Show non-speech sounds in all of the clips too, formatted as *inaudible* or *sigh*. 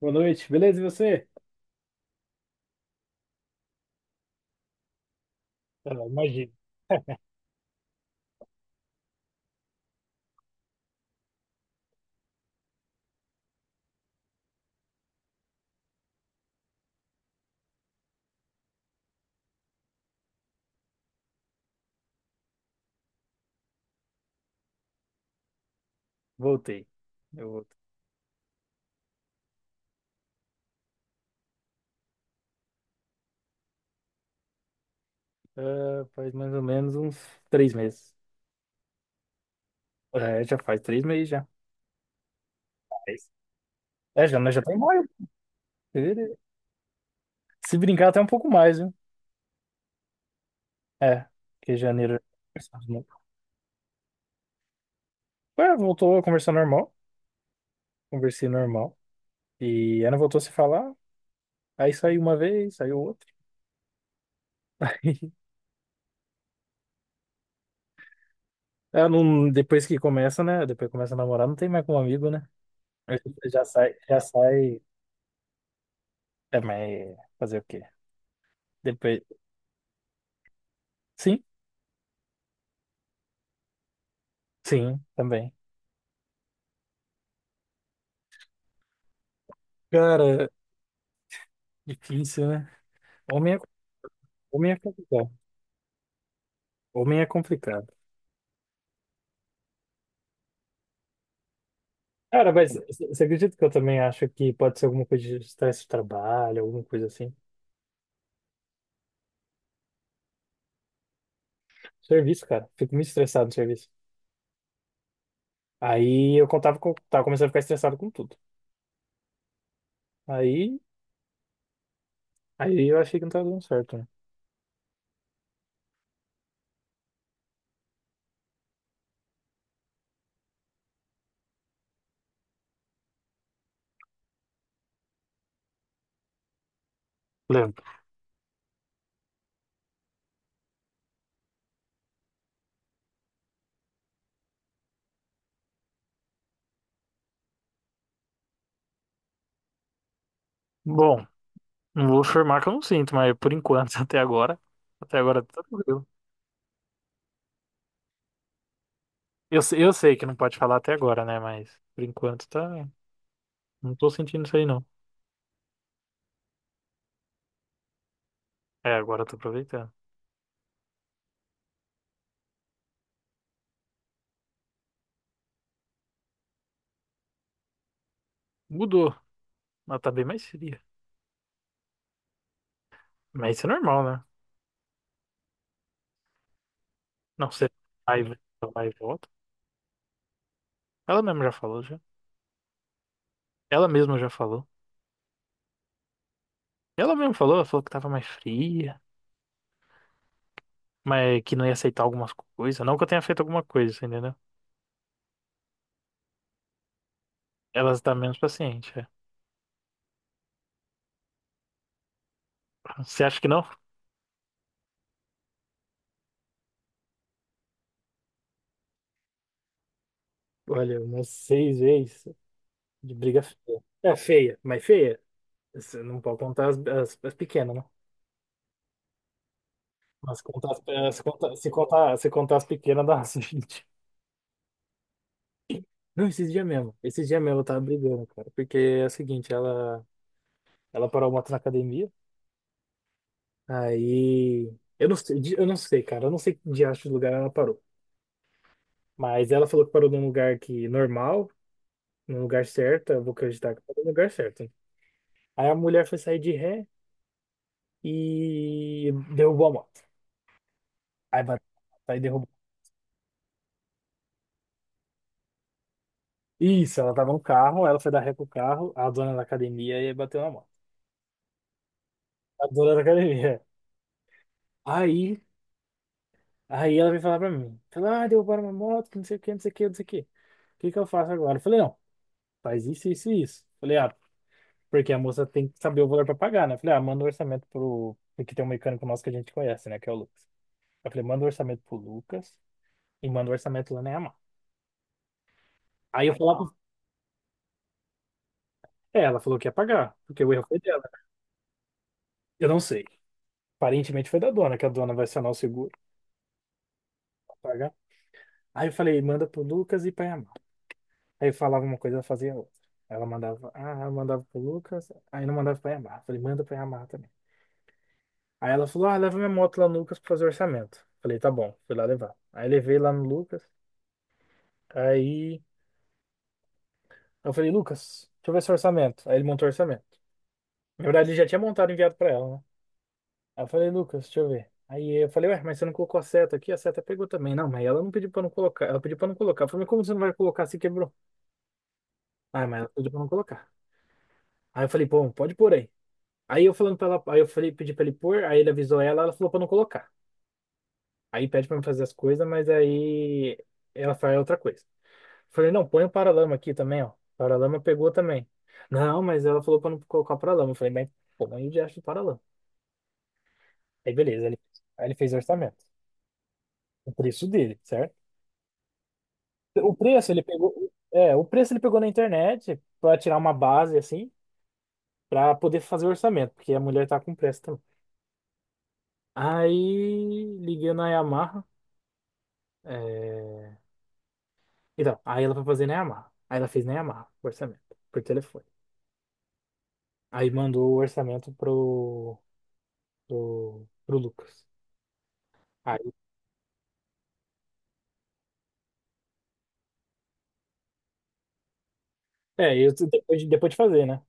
Boa noite, beleza? E você? Ah, imagina, voltei. Eu voltei. Ah, faz mais ou menos uns 3 meses. É, já faz 3 meses já. Faz. É, já, nós já tá em maio. Fevereiro. Se brincar até um pouco mais, viu? É, porque janeiro. Ué, voltou a conversar normal. Conversei normal. E ela voltou a se falar. Aí saiu uma vez, saiu outra. *laughs* Ela não, depois que começa, né? Depois que começa a namorar, não tem mais como amigo, né? Aí você já sai, já sai. É, mas fazer o quê? Depois. Sim. Sim, também. Cara, difícil, né? Homem é, homem é complicado. Homem é complicado. Cara, mas você acredita que eu também acho que pode ser alguma coisa de estresse de trabalho, alguma coisa assim? Serviço, cara. Fico muito estressado no serviço. Aí eu contava com, tava começando a ficar estressado com tudo. Aí, aí, eu achei que não tava dando certo, né? Lembro. Bom, não vou afirmar que eu não sinto, mas por enquanto, *laughs* até agora tá tranquilo. Eu sei que não pode falar até agora, né? Mas por enquanto tá. Não tô sentindo isso aí, não. É, agora eu tô aproveitando. Mudou. Ela tá bem mais fria. Mas isso é normal, né? Não ser vai vai e volta. Ela mesma já falou, já. Ela mesma já falou. Ela mesma falou, ela falou que tava mais fria, mas que não ia aceitar algumas coisas. Não que eu tenha feito alguma coisa, você entendeu? Ela tá menos paciente, é. Você acha que não? Olha, umas 6 vezes de briga feia. É feia, mas feia. Você não pode contar as pequenas, né? Mas contar, se contar as pequenas, dá *laughs* umas 20. Não, esses dias mesmo. Esses dias mesmo eu tava brigando, cara. Porque é o seguinte, ela parou a moto na academia. Aí. Eu não sei, cara. Eu não sei que diacho de lugar ela parou. Mas ela falou que parou num lugar que normal, num lugar certo. Eu vou acreditar que parou no lugar certo, né? Aí a mulher foi sair de ré e derrubou a moto. Aí bateu, aí derrubou. Isso, ela tava no carro, ela foi dar ré pro carro, a dona da academia e bateu na moto. A dona da academia. Aí Aí, ela veio falar pra mim. Falou, ah, derrubaram uma moto, que não sei o que, não sei o que, não sei o que. O que que eu faço agora? Eu falei, não, faz isso, isso e isso. Falei, ah, porque a moça tem que saber o valor pra pagar, né? Falei, ah, manda o orçamento pro... Porque tem um mecânico nosso que a gente conhece, né? Que é o Lucas. Eu falei, manda o orçamento pro Lucas e manda o orçamento lá na Yamaha. Aí eu falava, é, ela falou que ia pagar, porque o erro foi dela. Eu não sei. Aparentemente foi da dona, que a dona vai acionar o seguro pra pagar. Aí eu falei, manda pro Lucas e pra Yamaha. Aí eu falava uma coisa, ela fazia outra. Ela mandava, ah, eu mandava pro Lucas, aí não mandava pra Yamaha. Falei, manda pra Yamaha também. Aí ela falou, ah, leva minha moto lá no Lucas pra fazer orçamento. Falei, tá bom, fui lá levar. Aí levei lá no Lucas, aí eu falei, Lucas, deixa eu ver seu orçamento. Aí ele montou o orçamento. Na verdade, ele já tinha montado e enviado pra ela, né? Aí eu falei, Lucas, deixa eu ver. Aí eu falei, ué, mas você não colocou a seta aqui? A seta pegou também. Não, mas ela não pediu pra não colocar. Ela pediu pra não colocar. Eu falei, mas como você não vai colocar se quebrou? Ah, mas ela pediu pra não colocar. Aí eu falei, bom, pode pôr aí. Aí eu falando pra ela, aí eu falei, pedi pra ele pôr, aí ele avisou ela, ela falou pra não colocar. Aí pede pra eu fazer as coisas, mas aí ela faz outra coisa. Falei, não, põe o paralama aqui também, ó. O paralama pegou também. Não, mas ela falou pra não colocar o paralama. Eu falei, mas põe o diacho do paralama. Aí beleza, ele, aí ele fez o orçamento. O preço dele, certo? O preço ele pegou, é, o preço ele pegou na internet pra tirar uma base assim, pra poder fazer o orçamento, porque a mulher tá com pressa também. Aí liguei na Yamaha. é, Então, aí ela foi fazer nem amarra. Aí ela fez nem amarra, o orçamento, por telefone. Aí mandou o orçamento pro Lucas. Aí, é, eu, depois, depois de fazer, né?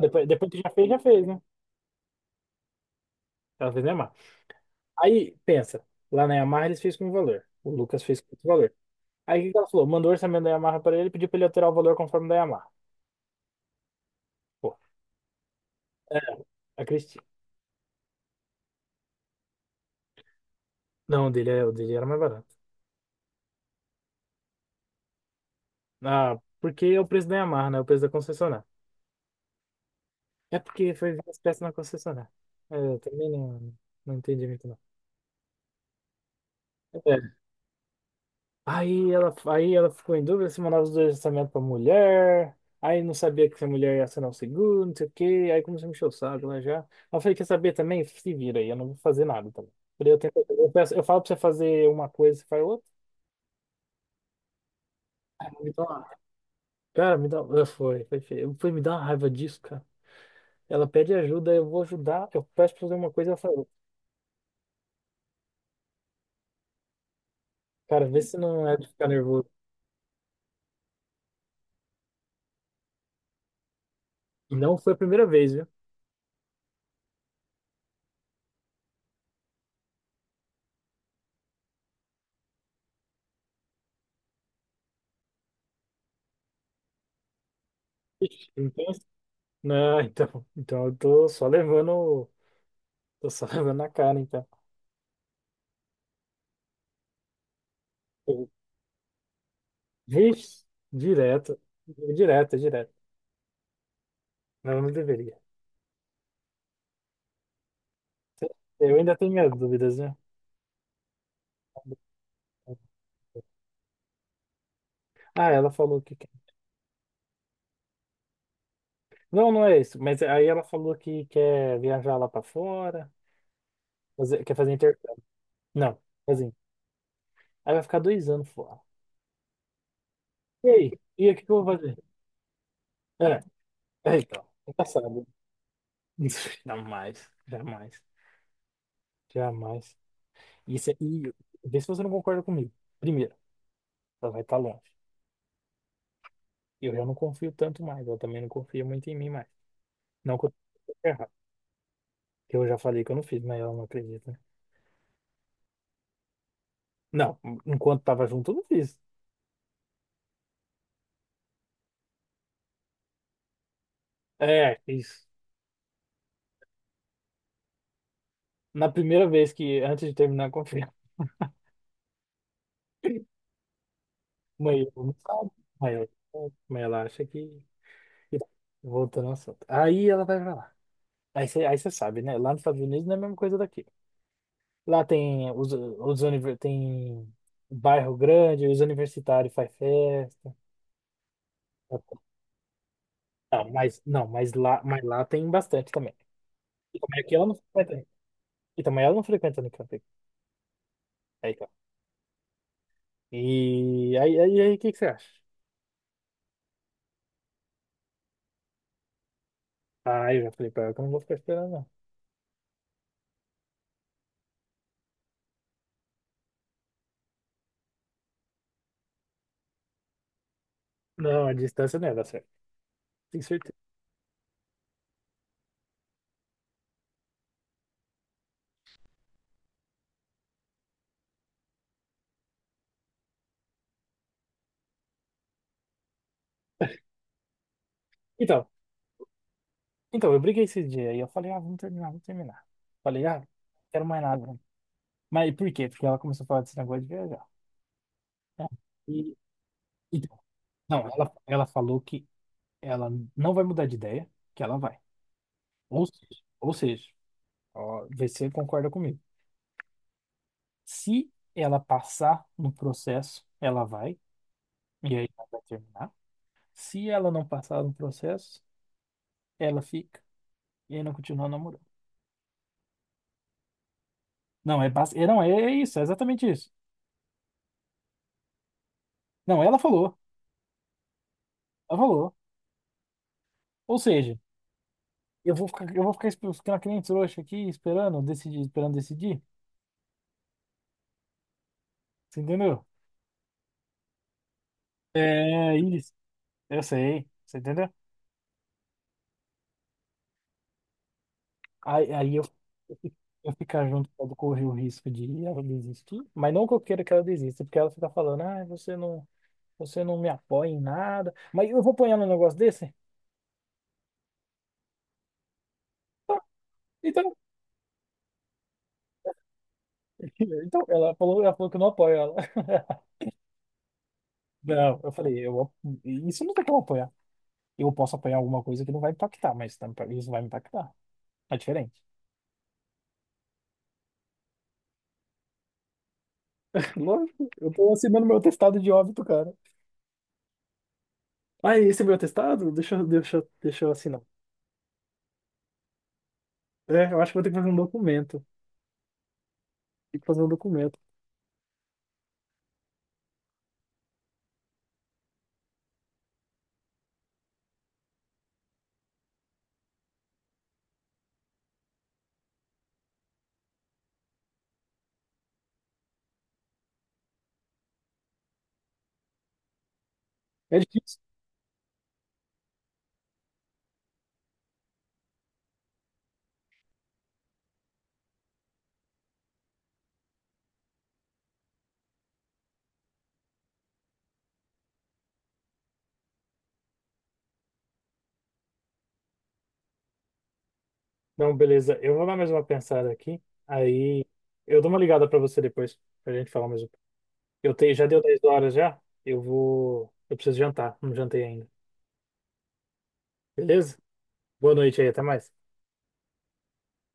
Depois que já fez, né? Ela fez nem amarra. Aí, pensa, lá na Yamaha eles fez com o valor. O Lucas fez com outro valor. Aí o que que ela falou? Mandou o orçamento da Yamaha pra ele, pediu pra ele alterar o valor conforme da Yamaha. Pô, é, a Cristina. Não, o dele, o dele era mais barato. Ah, porque é o preço da Yamaha, né? O preço da concessionária. É porque foi ver as peças na concessionária. É, eu também não, não entendi muito, não. É. Aí ela ficou em dúvida se mandava os dois orçamentos pra mulher. Aí não sabia que se a mulher ia assinar o seguro, não sei o quê. Aí começou a me encher o saco lá já. Aí eu falei, quer saber também? Se vira aí, eu não vou fazer nada também. Falei, eu, tento, eu, peço- eu falo pra você fazer uma coisa, você faz outra. Me dá uma- cara, me dá. Ah, foi, foi feio. Foi me dar uma raiva disso, cara. Ela pede ajuda, eu vou ajudar. Eu peço pra fazer uma coisa, ela fala outra. Cara, vê se não é de ficar nervoso. E não foi a primeira vez, viu? Ixi, então, não, então eu tô só levando, tô só *laughs* levando na cara, então. Eu- vixe, direto, direto, direto. Não, não deveria. Eu ainda tenho minhas dúvidas, né? Ah, ela falou que quer. Não, não é isso, mas aí ela falou que quer viajar lá pra fora, quer fazer intercâmbio. Não, assim, aí vai ficar 2 anos fora. E aí? E aí, o que que eu vou fazer? É, é então, já sabe. *laughs* Jamais, jamais, jamais. Isso é, e vê se você não concorda comigo. Primeiro, ela vai estar longe. Eu já não confio tanto mais. Ela também não confia muito em mim mais. Não que eu esteja errado. Eu já falei que eu não fiz, mas ela não acredita, né? Não, enquanto tava junto, eu não fiz. É, isso. Na primeira vez que, antes de terminar, confia. *laughs* Mas ela não sabe. Mas mas ela acha que. Voltando ao assunto. Aí ela vai pra lá. Aí você sabe, né? Lá nos Estados Unidos não é a mesma coisa daqui. Lá tem bairro grande, os universitários faz festa. Ah, mas não, mas lá tem bastante também. E como é que ela não frequenta? E também ela não frequenta Unicamp. Aí, tá. E aí, o que que você acha? Ah, eu já falei pra ela que eu não vou ficar esperando, não. Não, a distância não ia dar certo. Tenho certeza. Então, então, eu briguei esse dia aí eu falei, ah, vamos terminar, vamos terminar. Falei, ah, não quero mais nada, não. Mas por quê? Porque ela começou a falar desse negócio de viajar, né? E, então, não, ela falou que ela não vai mudar de ideia, que ela vai. Ou seja, ó, vê se você concorda comigo. Se ela passar no processo, ela vai, e aí ela vai terminar. Se ela não passar no processo, ela fica, e aí não continua namorando. Não, é, é, não, é, é isso, é exatamente isso. Não, ela falou. Ou seja, eu vou ficar esp- ficando que nem trouxa aqui, esperando decidir, esperando decidir. Você entendeu? É isso, eu sei. Você entendeu? Aí, aí eu, eu fi- eu ficar junto com ela, correr o risco de ela desistir, mas não que eu queira que ela desista, porque ela fica falando, ah, você não me apoia em nada, mas eu vou apoiar num negócio desse? Tá, então, *laughs* então ela falou que eu não apoio ela. *laughs* Não, eu falei, eu, isso não tem como apoiar. Eu posso apoiar alguma coisa que não vai impactar, mas isso vai me impactar. É diferente. *laughs* Lógico, eu tô assinando meu testado de óbito, cara. Ah, esse é meu testado? Deixa eu assinar. É, eu acho que vou ter que fazer um documento. Tem que fazer um documento. É difícil. Não, beleza. Eu vou dar mais uma pensada aqui. Aí eu dou uma ligada pra você depois, pra gente falar mais um pouco. Eu tenho, já deu 10 horas já. Eu vou, eu preciso jantar. Não jantei ainda. Beleza? Boa noite aí, até mais.